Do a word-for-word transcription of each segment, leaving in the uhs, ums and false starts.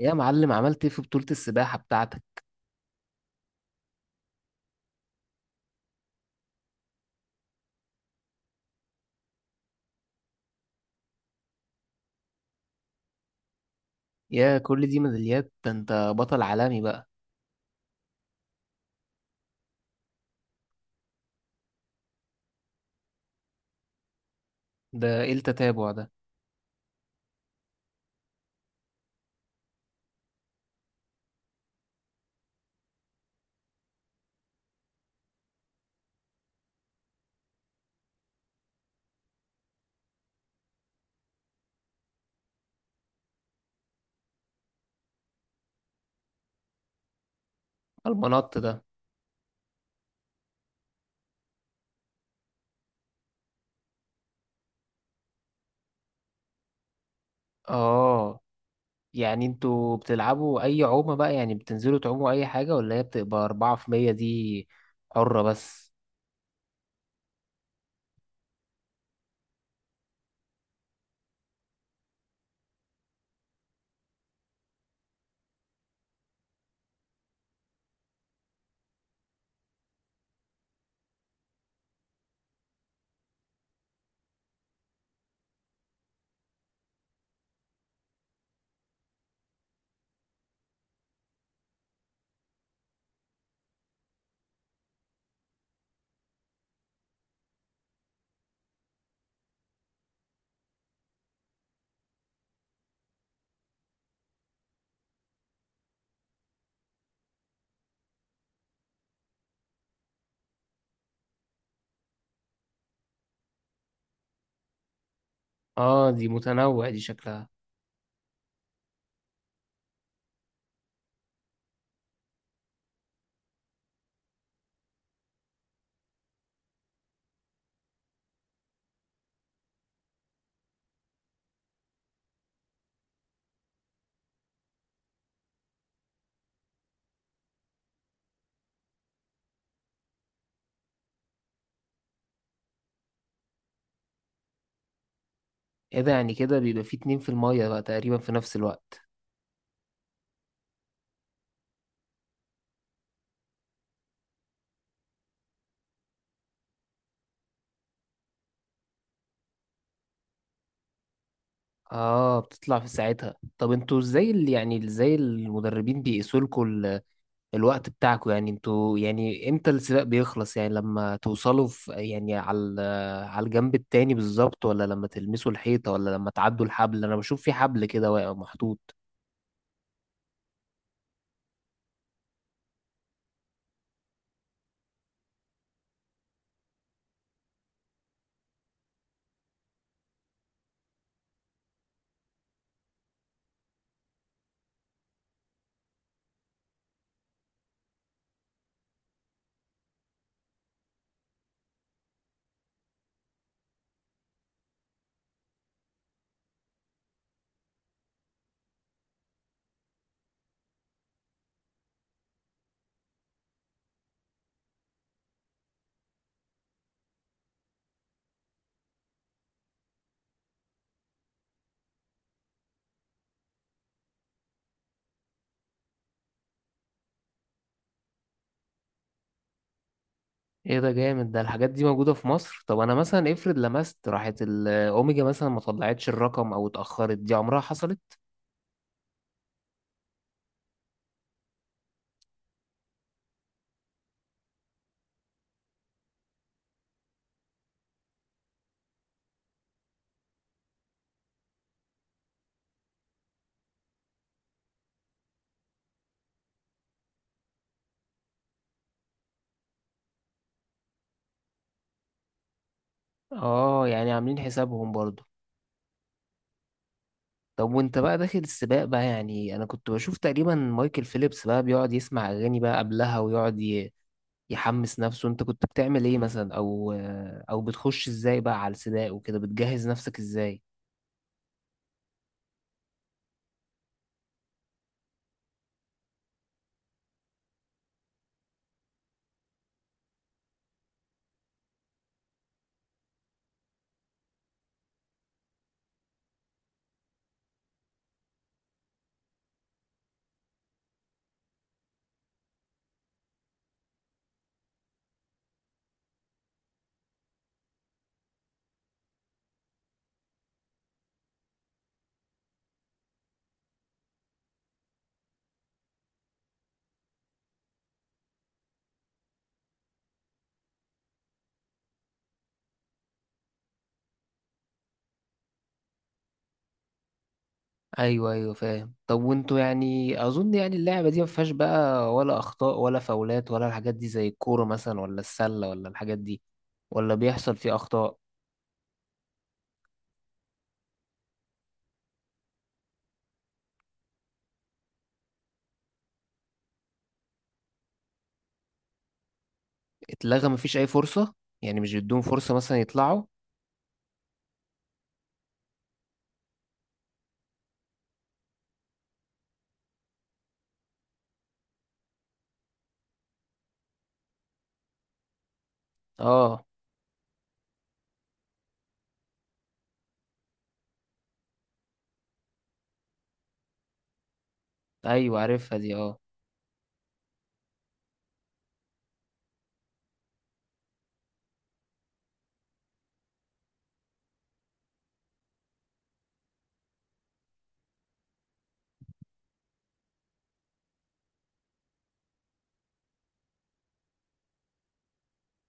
يا معلم، عملت ايه في بطولة السباحة بتاعتك؟ يا كل دي ميداليات، ده انت بطل عالمي بقى. ده ايه التتابع ده؟ المنط ده؟ اه. يعني انتوا بتلعبوا اي عومة بقى؟ يعني بتنزلوا تعوموا اي حاجة ولا هي بتبقى اربعة في مية دي؟ حرة بس. اه، دي متنوع دي شكلها. ايه ده؟ يعني كده بيبقى في اتنين في المية بقى تقريبا في نفس الوقت؟ اه، بتطلع في ساعتها. طب انتوا ازاي ال- يعني ازاي المدربين بيقيسوا لكم الوقت بتاعكم؟ يعني انتوا يعني امتى السباق بيخلص؟ يعني لما توصلوا في، يعني، على ال- على الجنب التاني بالظبط، ولا لما تلمسوا الحيطة، ولا لما تعدوا الحبل؟ انا بشوف في حبل كده واقع محطوط. ايه ده جامد ده، الحاجات دي موجودة في مصر؟ طب انا مثلا افرض لمست راحت الاوميجا مثلا ما طلعتش الرقم او اتأخرت، دي عمرها حصلت؟ اه، يعني عاملين حسابهم برضو. طب وانت بقى داخل السباق بقى، يعني انا كنت بشوف تقريبا مايكل فيليبس بقى بيقعد يسمع اغاني بقى قبلها ويقعد ي... يحمس نفسه، انت كنت بتعمل ايه مثلا؟ او او بتخش ازاي بقى على السباق؟ وكده بتجهز نفسك ازاي؟ ايوه، ايوه، فاهم. طب وانتوا يعني اظن يعني اللعبه دي ما فيهاش بقى ولا اخطاء ولا فاولات ولا الحاجات دي، زي الكوره مثلا ولا السله ولا الحاجات دي؟ ولا بيحصل فيه اخطاء؟ اتلغى؟ مفيش اي فرصه؟ يعني مش بيدوهم فرصه مثلا يطلعوا؟ اه. ايوه، عارفها دي، اه.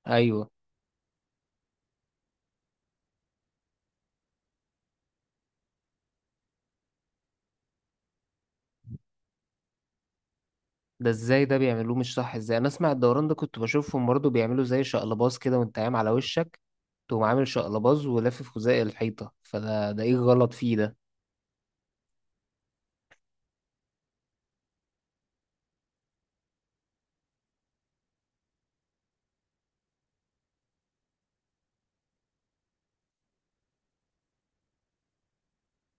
ايوه. ده ازاي ده بيعملوه مش صح؟ ازاي؟ انا اسمع الدوران ده كنت بشوفهم برضه بيعملوا زي شقلباز كده، وانت قايم على وشك تقوم عامل شقلباز ولافف خزائي الحيطة، فده ده ايه غلط فيه ده؟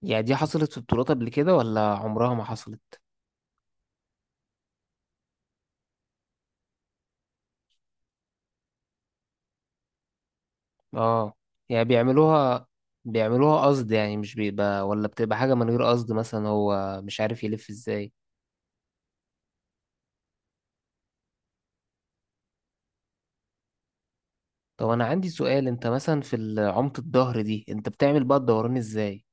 يعني دي حصلت في بطولات قبل كده ولا عمرها ما حصلت؟ اه. يعني بيعملوها بيعملوها قصد؟ يعني مش بيبقى، ولا بتبقى حاجة من غير قصد مثلا، هو مش عارف يلف ازاي؟ طب انا عندي سؤال، انت مثلا في عمق الظهر دي انت بتعمل بقى الدوران ازاي؟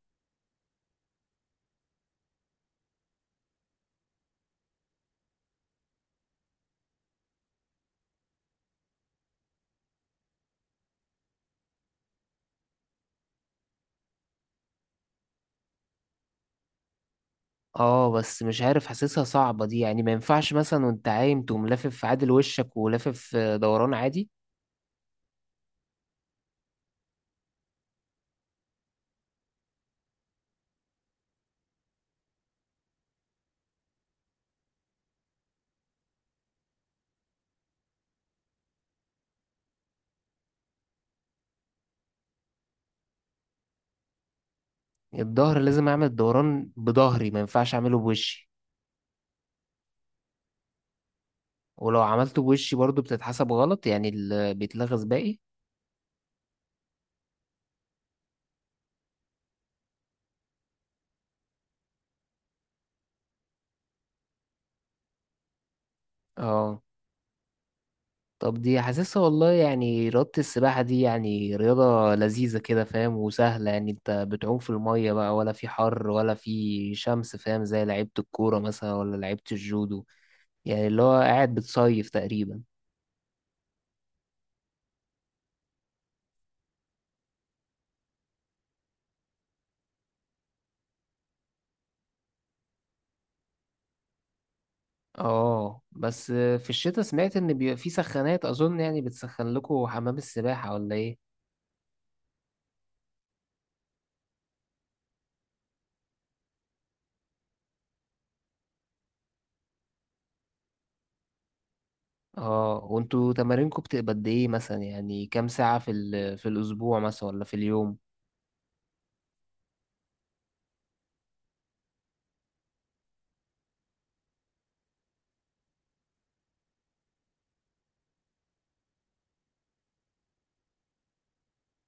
اه، بس مش عارف حاسسها صعبة دي، يعني ما ينفعش مثلا وانت عايم تقوم لافف في عادل وشك ولافف آه، دوران عادي؟ الظهر لازم اعمل دوران بظهري؟ ما ينفعش اعمله بوشي؟ ولو عملته بوشي برضو بتتحسب غلط؟ يعني ال- بيتلغز باقي؟ اه. طب دي حاسسها والله، يعني رياضة السباحة دي يعني رياضة لذيذة كده، فاهم؟ وسهلة، يعني انت بتعوم في المية بقى، ولا في حر ولا في شمس، فاهم؟ زي لعيبة الكورة مثلا ولا لعيبة الجودو، يعني اللي هو قاعد بتصيف تقريبا. اه، بس في الشتاء سمعت ان بيبقى في سخانات اظن، يعني بتسخن لكم حمام السباحة، ولا ايه؟ اه. وانتوا تمارينكم بتبقى قد ايه مثلا؟ يعني كام ساعة في ال... في الاسبوع مثلا، ولا في اليوم؟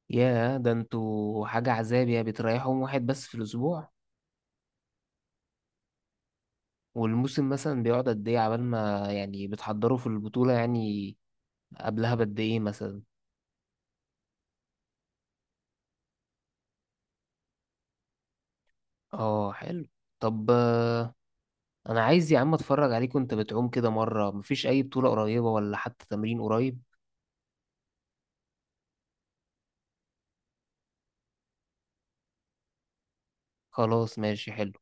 ياه، ده انتوا حاجة عذاب. يا بتريحوا يوم واحد بس في الاسبوع؟ والموسم مثلا بيقعد قد ايه عبال ما، يعني، بتحضروا في البطولة؟ يعني قبلها بقد ايه مثلا؟ اه، حلو. طب، آه، انا عايز يا عم اتفرج عليك وانت بتعوم كده مرة. مفيش اي بطولة قريبة ولا حتى تمرين قريب؟ خلاص، ماشي، حلو.